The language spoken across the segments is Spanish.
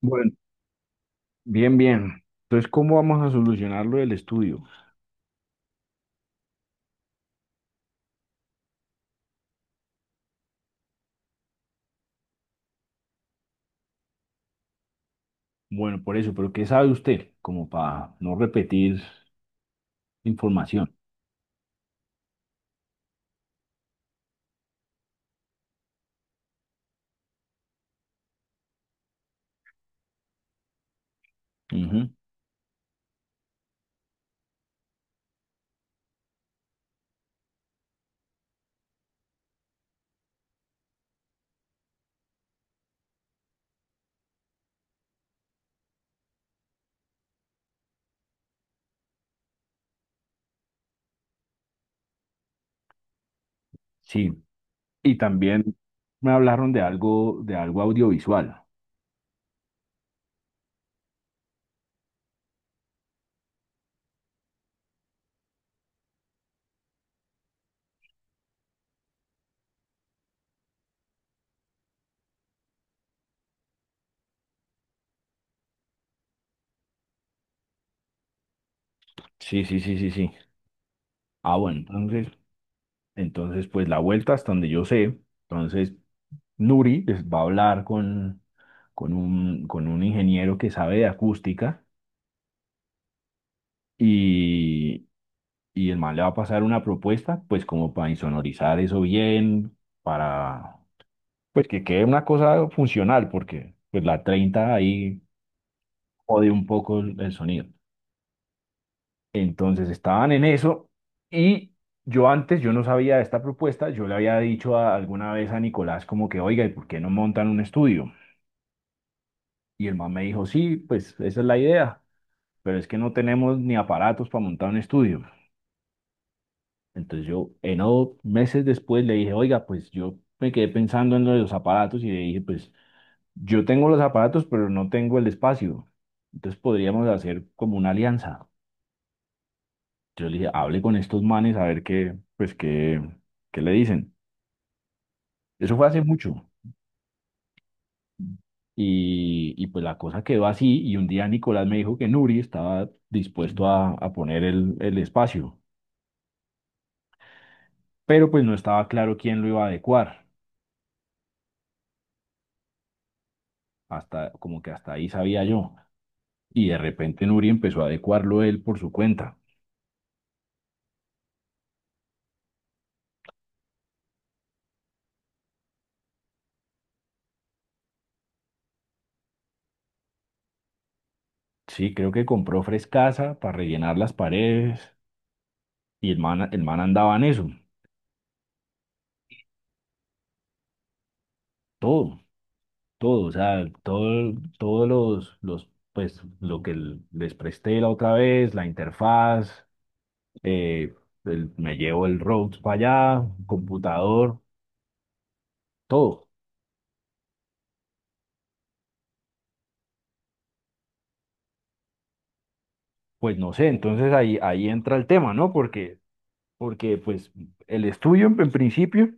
Bueno, bien, bien. Entonces, ¿cómo vamos a solucionar lo del estudio? Bueno, por eso, pero ¿qué sabe usted? Como para no repetir información. Ujú. Sí. Y también me hablaron de algo audiovisual. Sí, sí, sí, sí, sí. Ah, bueno, entonces, entonces, pues la vuelta hasta donde yo sé. Entonces, Nuri pues, va a hablar con un ingeniero que sabe de acústica y y el man le va a pasar una propuesta, pues como para insonorizar eso bien, para pues que quede una cosa funcional, porque pues la 30 ahí jode un poco el sonido. Entonces estaban en eso y yo antes, yo no sabía de esta propuesta, yo le había dicho alguna vez a Nicolás como que, oiga, ¿y por qué no montan un estudio? Y el man me dijo, sí, pues esa es la idea, pero es que no tenemos ni aparatos para montar un estudio. Entonces yo, no, meses después le dije, oiga, pues yo me quedé pensando en lo de los aparatos y le dije, pues yo tengo los aparatos pero no tengo el espacio. Entonces podríamos hacer como una alianza. Yo le dije, hable con estos manes a ver qué, pues qué, qué le dicen. Eso fue hace mucho. Y pues la cosa quedó así y un día Nicolás me dijo que Nuri estaba dispuesto a poner el espacio, pero pues no estaba claro quién lo iba a adecuar. Hasta, como que hasta ahí sabía yo. Y de repente Nuri empezó a adecuarlo él por su cuenta. Sí, creo que compró frescasa para rellenar las paredes y el man andaba en eso. Todo, todo, o sea, todo, todos los, pues, lo que les presté la otra vez, la interfaz, eh, me llevo el Rhodes para allá, computador, todo. Pues no sé, entonces ahí, ahí entra el tema, ¿no? Porque, porque pues el estudio en principio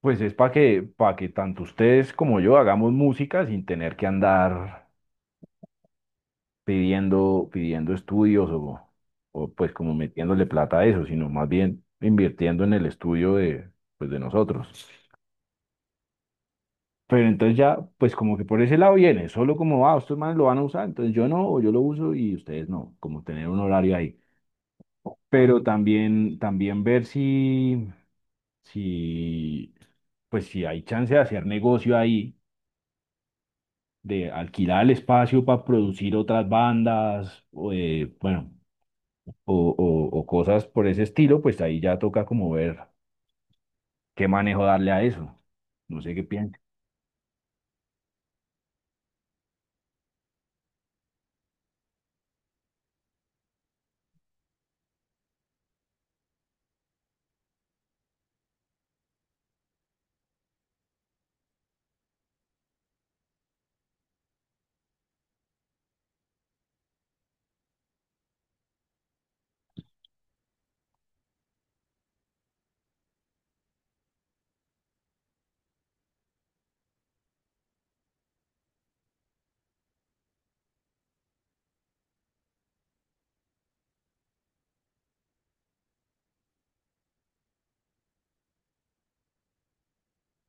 pues es para que tanto ustedes como yo hagamos música sin tener que andar pidiendo, pidiendo estudios o pues como metiéndole plata a eso, sino más bien invirtiendo en el estudio de, pues de nosotros. Pero entonces ya, pues como que por ese lado viene, solo como, ah, estos manes lo van a usar, entonces yo no, o yo lo uso y ustedes no, como tener un horario ahí. Pero también, también ver si, si, pues si hay chance de hacer negocio ahí de alquilar el espacio para producir otras bandas, o, bueno, o, o cosas por ese estilo, pues ahí ya toca como ver qué manejo darle a eso. No sé qué piensa.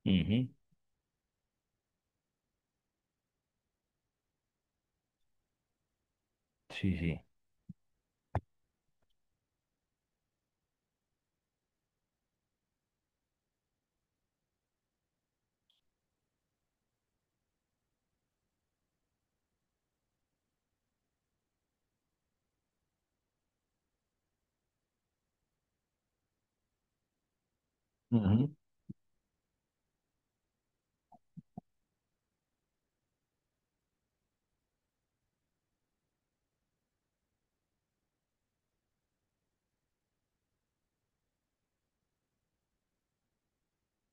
Ujú. Sí, sí. Ujú.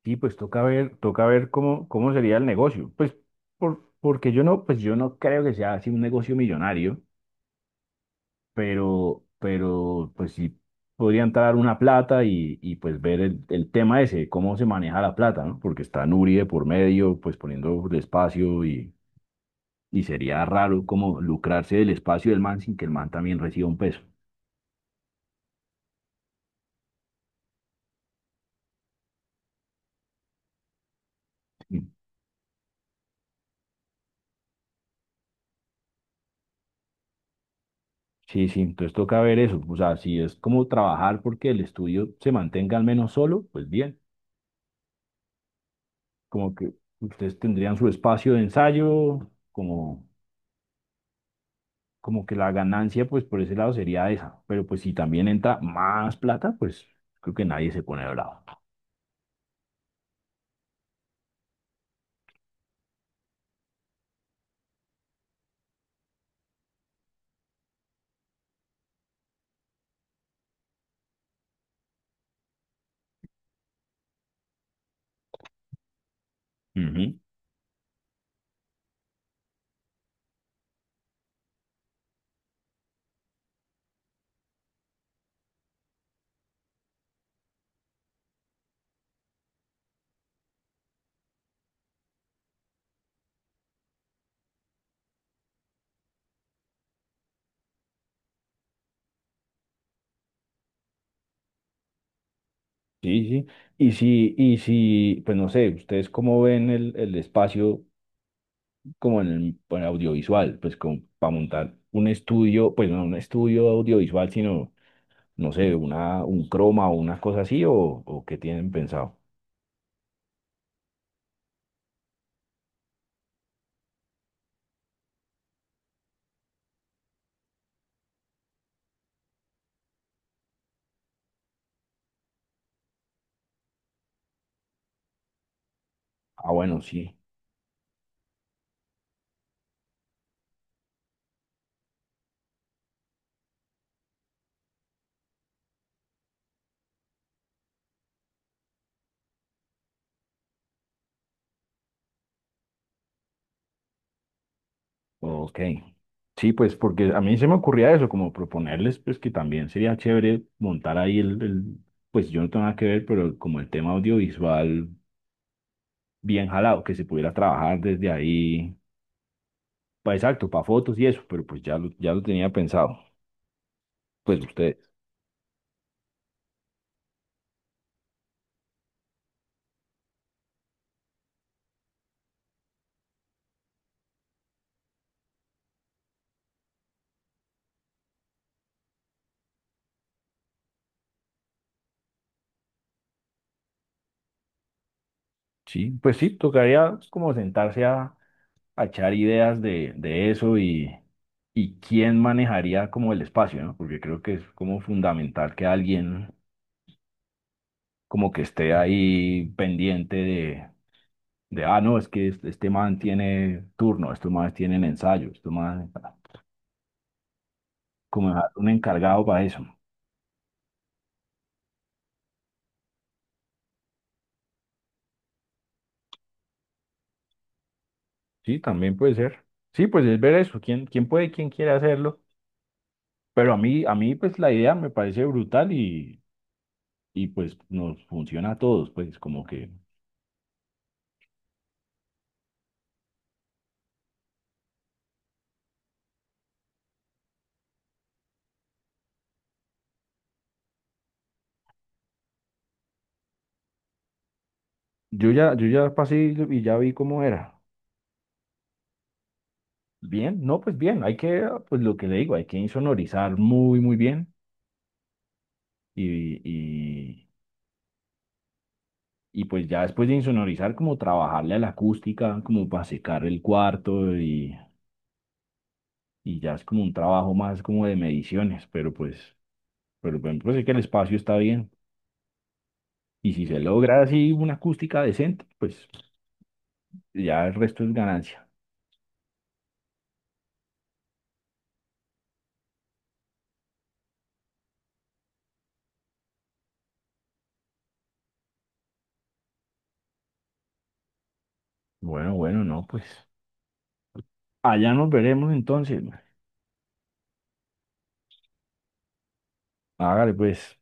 Sí, pues toca ver cómo, cómo sería el negocio. Pues por, porque yo no, pues yo no creo que sea así un negocio millonario. Pero pues sí podría entrar una plata y pues ver el tema ese, cómo se maneja la plata, ¿no? Porque está Nuri de por medio, pues poniendo el espacio y sería raro como lucrarse del espacio del man sin que el man también reciba un peso. Sí, sí, sí, entonces toca ver eso, o sea, si es como trabajar porque el estudio se mantenga al menos solo, pues bien, como que ustedes tendrían su espacio de ensayo, como como que la ganancia, pues por ese lado sería esa. Pero pues si también entra más plata, pues creo que nadie se pone bravo. Ujú. Sí, sí. Y si, pues no sé, ustedes cómo ven el espacio como en el en audiovisual, pues como para montar un estudio, pues no un estudio audiovisual, sino, no sé, una, un croma o una cosa así, o qué tienen pensado. Ah, bueno, sí. Ok. Sí, pues porque a mí se me ocurría eso, como proponerles, pues que también sería chévere montar ahí el, pues yo no tengo nada que ver, pero como el tema audiovisual bien jalado, que se pudiera trabajar desde ahí, pa exacto, para fotos y eso, pero pues ya lo tenía pensado. Pues ustedes, sí, pues sí, tocaría como sentarse a echar ideas de eso y quién manejaría como el espacio, ¿no? Porque creo que es como fundamental que alguien como que esté ahí pendiente de ah, no, es que este man tiene turno, estos manes tienen ensayo, estos manes, como dejar un encargado para eso. Sí, también puede ser. Sí, pues es ver eso, quién, quién puede, quién quiere hacerlo. Pero a mí, pues la idea me parece brutal y pues nos funciona a todos, pues como que yo ya, yo ya pasé y ya vi cómo era. Bien, no, pues bien, hay que, pues lo que le digo, hay que insonorizar muy, muy bien y, y, y pues ya después de insonorizar, como trabajarle a la acústica, como para secar el cuarto y ya es como un trabajo más como de mediciones, pero pues, pero por ejemplo sé que el espacio está bien. Y si se logra así una acústica decente, pues ya el resto es ganancia. Bueno, bueno, no, pues allá nos veremos entonces. Hágale pues.